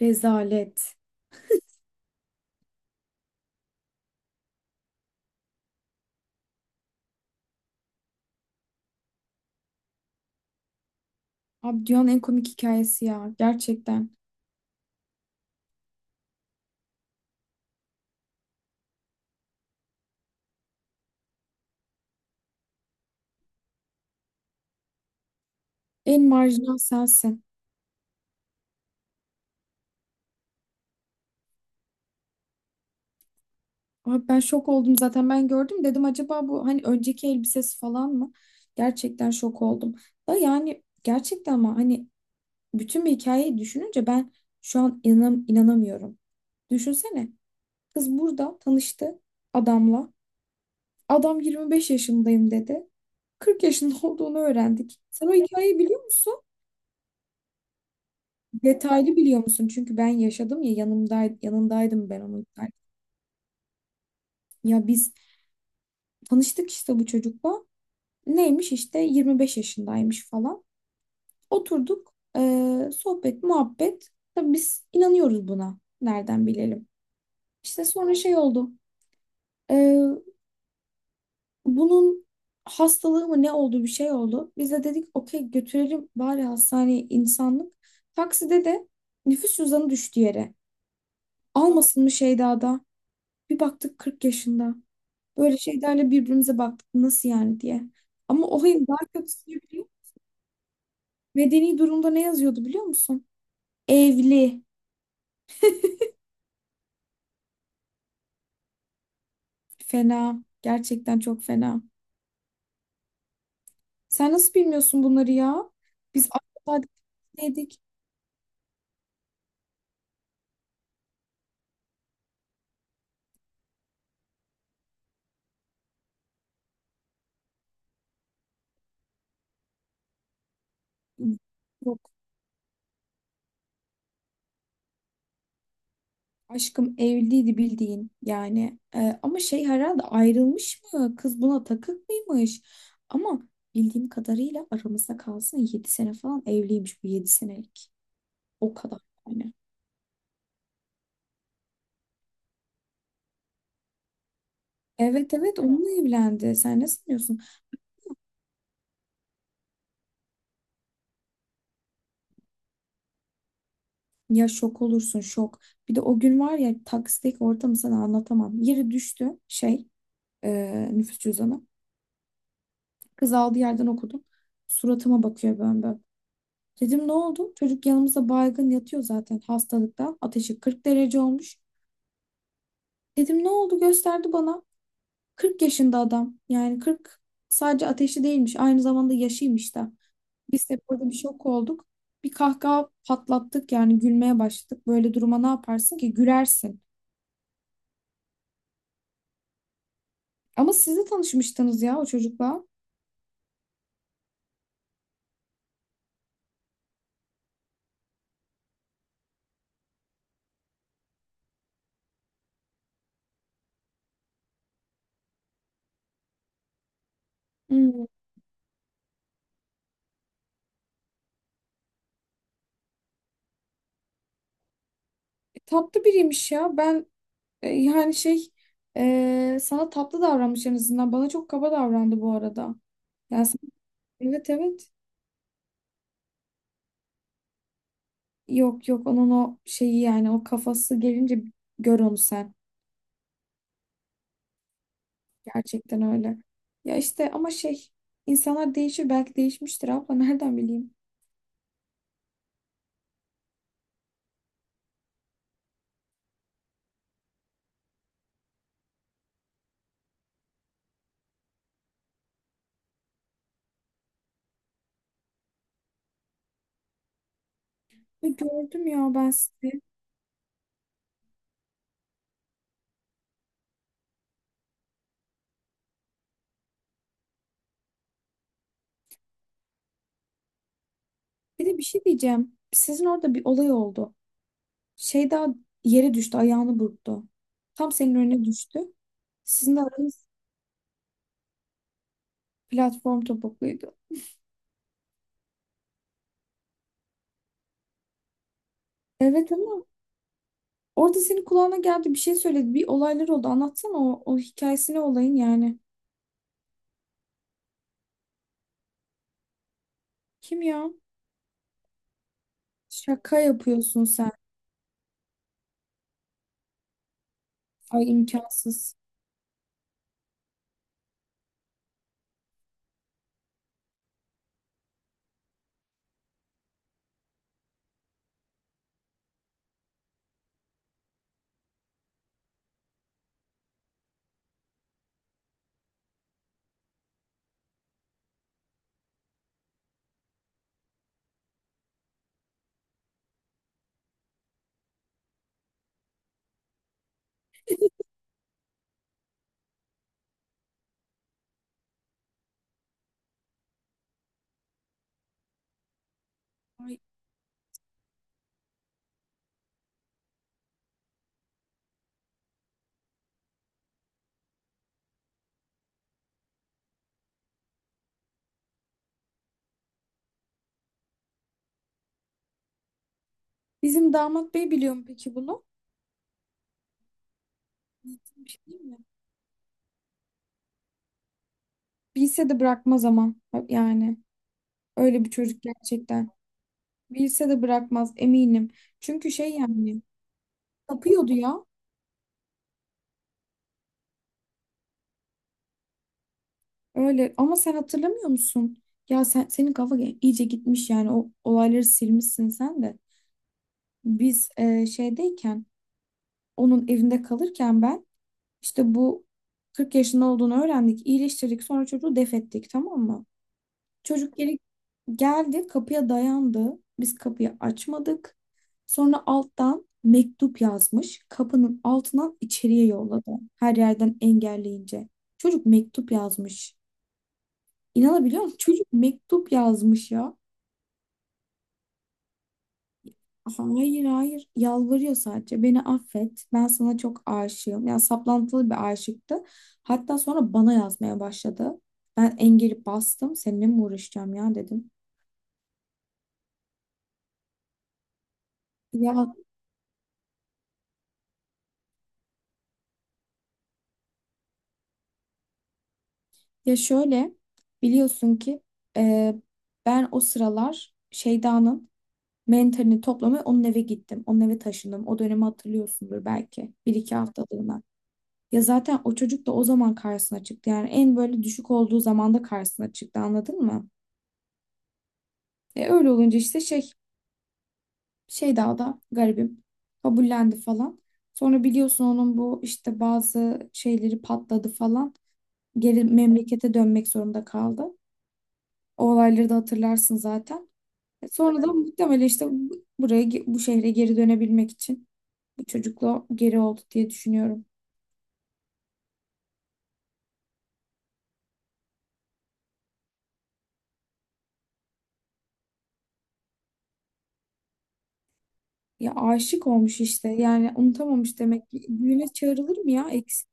Rezalet. Abi, dünyanın en komik hikayesi ya. Gerçekten. En marjinal sensin. Abi, ben şok oldum zaten, ben gördüm. Dedim acaba bu hani önceki elbisesi falan mı? Gerçekten şok oldum. Da yani gerçekten ama hani bütün bir hikayeyi düşününce ben şu an inanamıyorum. Düşünsene. Kız burada tanıştı adamla. Adam 25 yaşındayım dedi. 40 yaşında olduğunu öğrendik. Sen o hikayeyi biliyor musun? Detaylı biliyor musun? Çünkü ben yaşadım ya, yanındaydım ben onun. Ya biz tanıştık işte bu çocukla. Neymiş işte 25 yaşındaymış falan. Oturduk, sohbet muhabbet. Tabii biz inanıyoruz buna. Nereden bilelim? İşte sonra şey oldu. Bunun hastalığı mı ne oldu, bir şey oldu. Biz de dedik okey, götürelim bari hastaneye, insanlık. Takside de nüfus cüzdanı düştü yere. Almasın mı Şeyda'da? Bir baktık 40 yaşında. Böyle şeylerle birbirimize baktık nasıl yani diye. Ama o hayır, daha kötüsünü biliyor. Medeni durumda ne yazıyordu biliyor musun? Evli. Fena. Gerçekten çok fena. Sen nasıl bilmiyorsun bunları ya? Biz dedik. Aşkım evliydi, bildiğin yani. Ama şey, herhalde ayrılmış mı, kız buna takık mıymış, ama bildiğim kadarıyla, aramızda kalsın, 7 sene falan evliymiş bu, 7 senelik, o kadar yani. Evet, evet, onunla evlendi, sen ne sanıyorsun? Ya şok olursun, şok. Bir de o gün var ya, taksideki ortamı sana anlatamam. Yere düştü şey, nüfus cüzdanı, kız aldığı yerden okudum, suratıma bakıyor böyle. Dedim ne oldu? Çocuk yanımızda baygın yatıyor zaten hastalıktan. Ateşi 40 derece olmuş. Dedim ne oldu? Gösterdi bana. 40 yaşında adam. Yani 40 sadece ateşi değilmiş. Aynı zamanda yaşıymış da. Biz de burada bir şok olduk. Bir kahkaha patlattık yani, gülmeye başladık. Böyle duruma ne yaparsın ki? Gülersin. Ama siz de tanışmıştınız ya o çocukla. Hmm, tatlı biriymiş ya. Ben yani sana tatlı davranmış en azından. Bana çok kaba davrandı bu arada. Yani sen- evet, evet. Yok, yok, onun o şeyi yani, o kafası gelince gör onu sen. Gerçekten öyle. Ya işte ama şey, insanlar değişir, belki değişmiştir abla, nereden bileyim. Ve gördüm ya ben sizi. Bir de bir şey diyeceğim. Sizin orada bir olay oldu. Şey daha, yere düştü, ayağını burktu. Tam senin önüne düştü. Sizin de aranız. Platform topukluydu. Evet, ama orada senin kulağına geldi, bir şey söyledi. Bir olaylar oldu. Anlatsana o hikayesini olayın yani. Kim ya? Şaka yapıyorsun sen. Ay, imkansız. Ay. Bizim damat bey biliyor mu peki bunu? Bildiğim Bir şey değil mi? Bilse de bırakmaz ama. Yani öyle bir çocuk gerçekten. Bilse de bırakmaz, eminim. Çünkü şey yani, tapıyordu ya. Öyle, ama sen hatırlamıyor musun? Ya senin kafa iyice gitmiş yani, o olayları silmişsin sen de. Biz şeydeyken, onun evinde kalırken, ben işte bu 40 yaşında olduğunu öğrendik. İyileştirdik. Sonra çocuğu def ettik, tamam mı? Çocuk geri geldi, kapıya dayandı. Biz kapıyı açmadık. Sonra alttan mektup yazmış. Kapının altından içeriye yolladı. Her yerden engelleyince. Çocuk mektup yazmış. İnanabiliyor musun? Çocuk mektup yazmış ya. Hayır, hayır, yalvarıyor sadece, beni affet, ben sana çok aşığım. Yani saplantılı bir aşıktı, hatta sonra bana yazmaya başladı. Ben engeli bastım, seninle mi uğraşacağım ya dedim. ya Şöyle, biliyorsun ki e, ben o sıralar Şeyda'nın mentalini toplamaya onun eve gittim, onun eve taşındım, o dönemi hatırlıyorsundur belki, bir iki haftalığına. Ya zaten o çocuk da o zaman karşısına çıktı yani, en böyle düşük olduğu zamanda karşısına çıktı, anladın mı? Öyle olunca işte şey, daha da garibim, kabullendi falan. Sonra biliyorsun onun bu işte bazı şeyleri patladı falan. Geri memlekete dönmek zorunda kaldı. O olayları da hatırlarsın zaten. Sonra da muhtemelen işte bu şehre geri dönebilmek için bu çocukla geri oldu diye düşünüyorum. Ya aşık olmuş işte yani, unutamamış demek ki. Düğüne çağrılır mı ya eksik?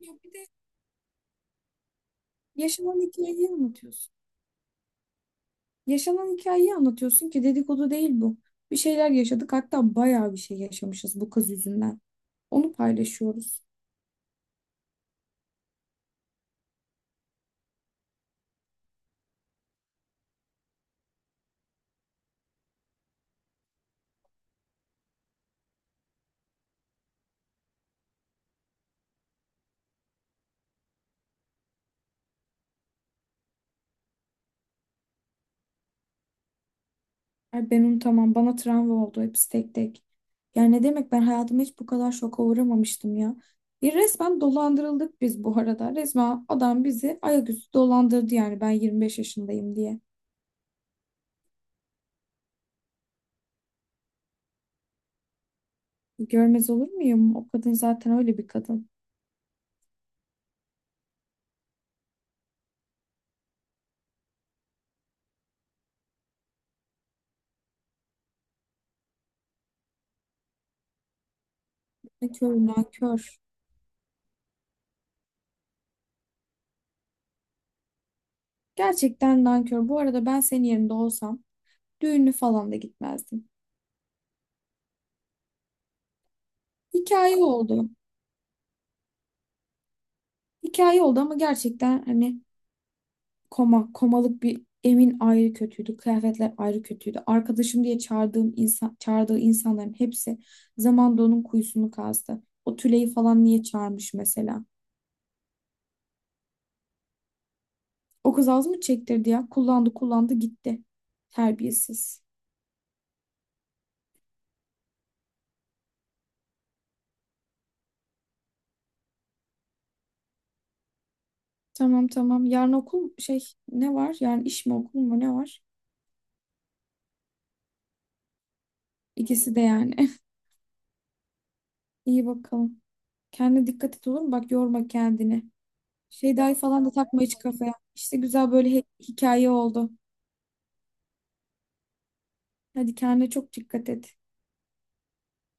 Ya bir de yaşanan hikayeyi anlatıyorsun. Yaşanan hikayeyi anlatıyorsun ki, dedikodu değil bu. Bir şeyler yaşadık, hatta bayağı bir şey yaşamışız bu kız yüzünden. Onu paylaşıyoruz. Ay, ben unutamam, bana travma oldu hepsi, tek tek. Yani ne demek, ben hayatımda hiç bu kadar şoka uğramamıştım ya. Bir resmen dolandırıldık biz bu arada. Resmen adam bizi ayaküstü dolandırdı yani, ben 25 yaşındayım diye. Görmez olur muyum? O kadın zaten öyle bir kadın. Nankör, nankör. Gerçekten nankör. Bu arada ben senin yerinde olsam düğünü falan da gitmezdim. Hikaye oldu. Hikaye oldu, ama gerçekten hani, komalık bir evin ayrı kötüydü. Kıyafetler ayrı kötüydü. Arkadaşım diye çağırdığım çağırdığı insanların hepsi zamanda onun kuyusunu kazdı. O Tülay'ı falan niye çağırmış mesela? O kız az mı çektirdi ya? Kullandı, kullandı, gitti. Terbiyesiz. Tamam, tamam. Yarın okul şey, ne var? Yarın iş mi, okul mu, ne var? İkisi de yani. İyi bakalım. Kendine dikkat et, olur mu? Bak, yorma kendini. Şeyda'yı falan da takma hiç kafaya. İşte güzel, böyle hikaye oldu. Hadi kendine çok dikkat et.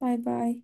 Bay bay.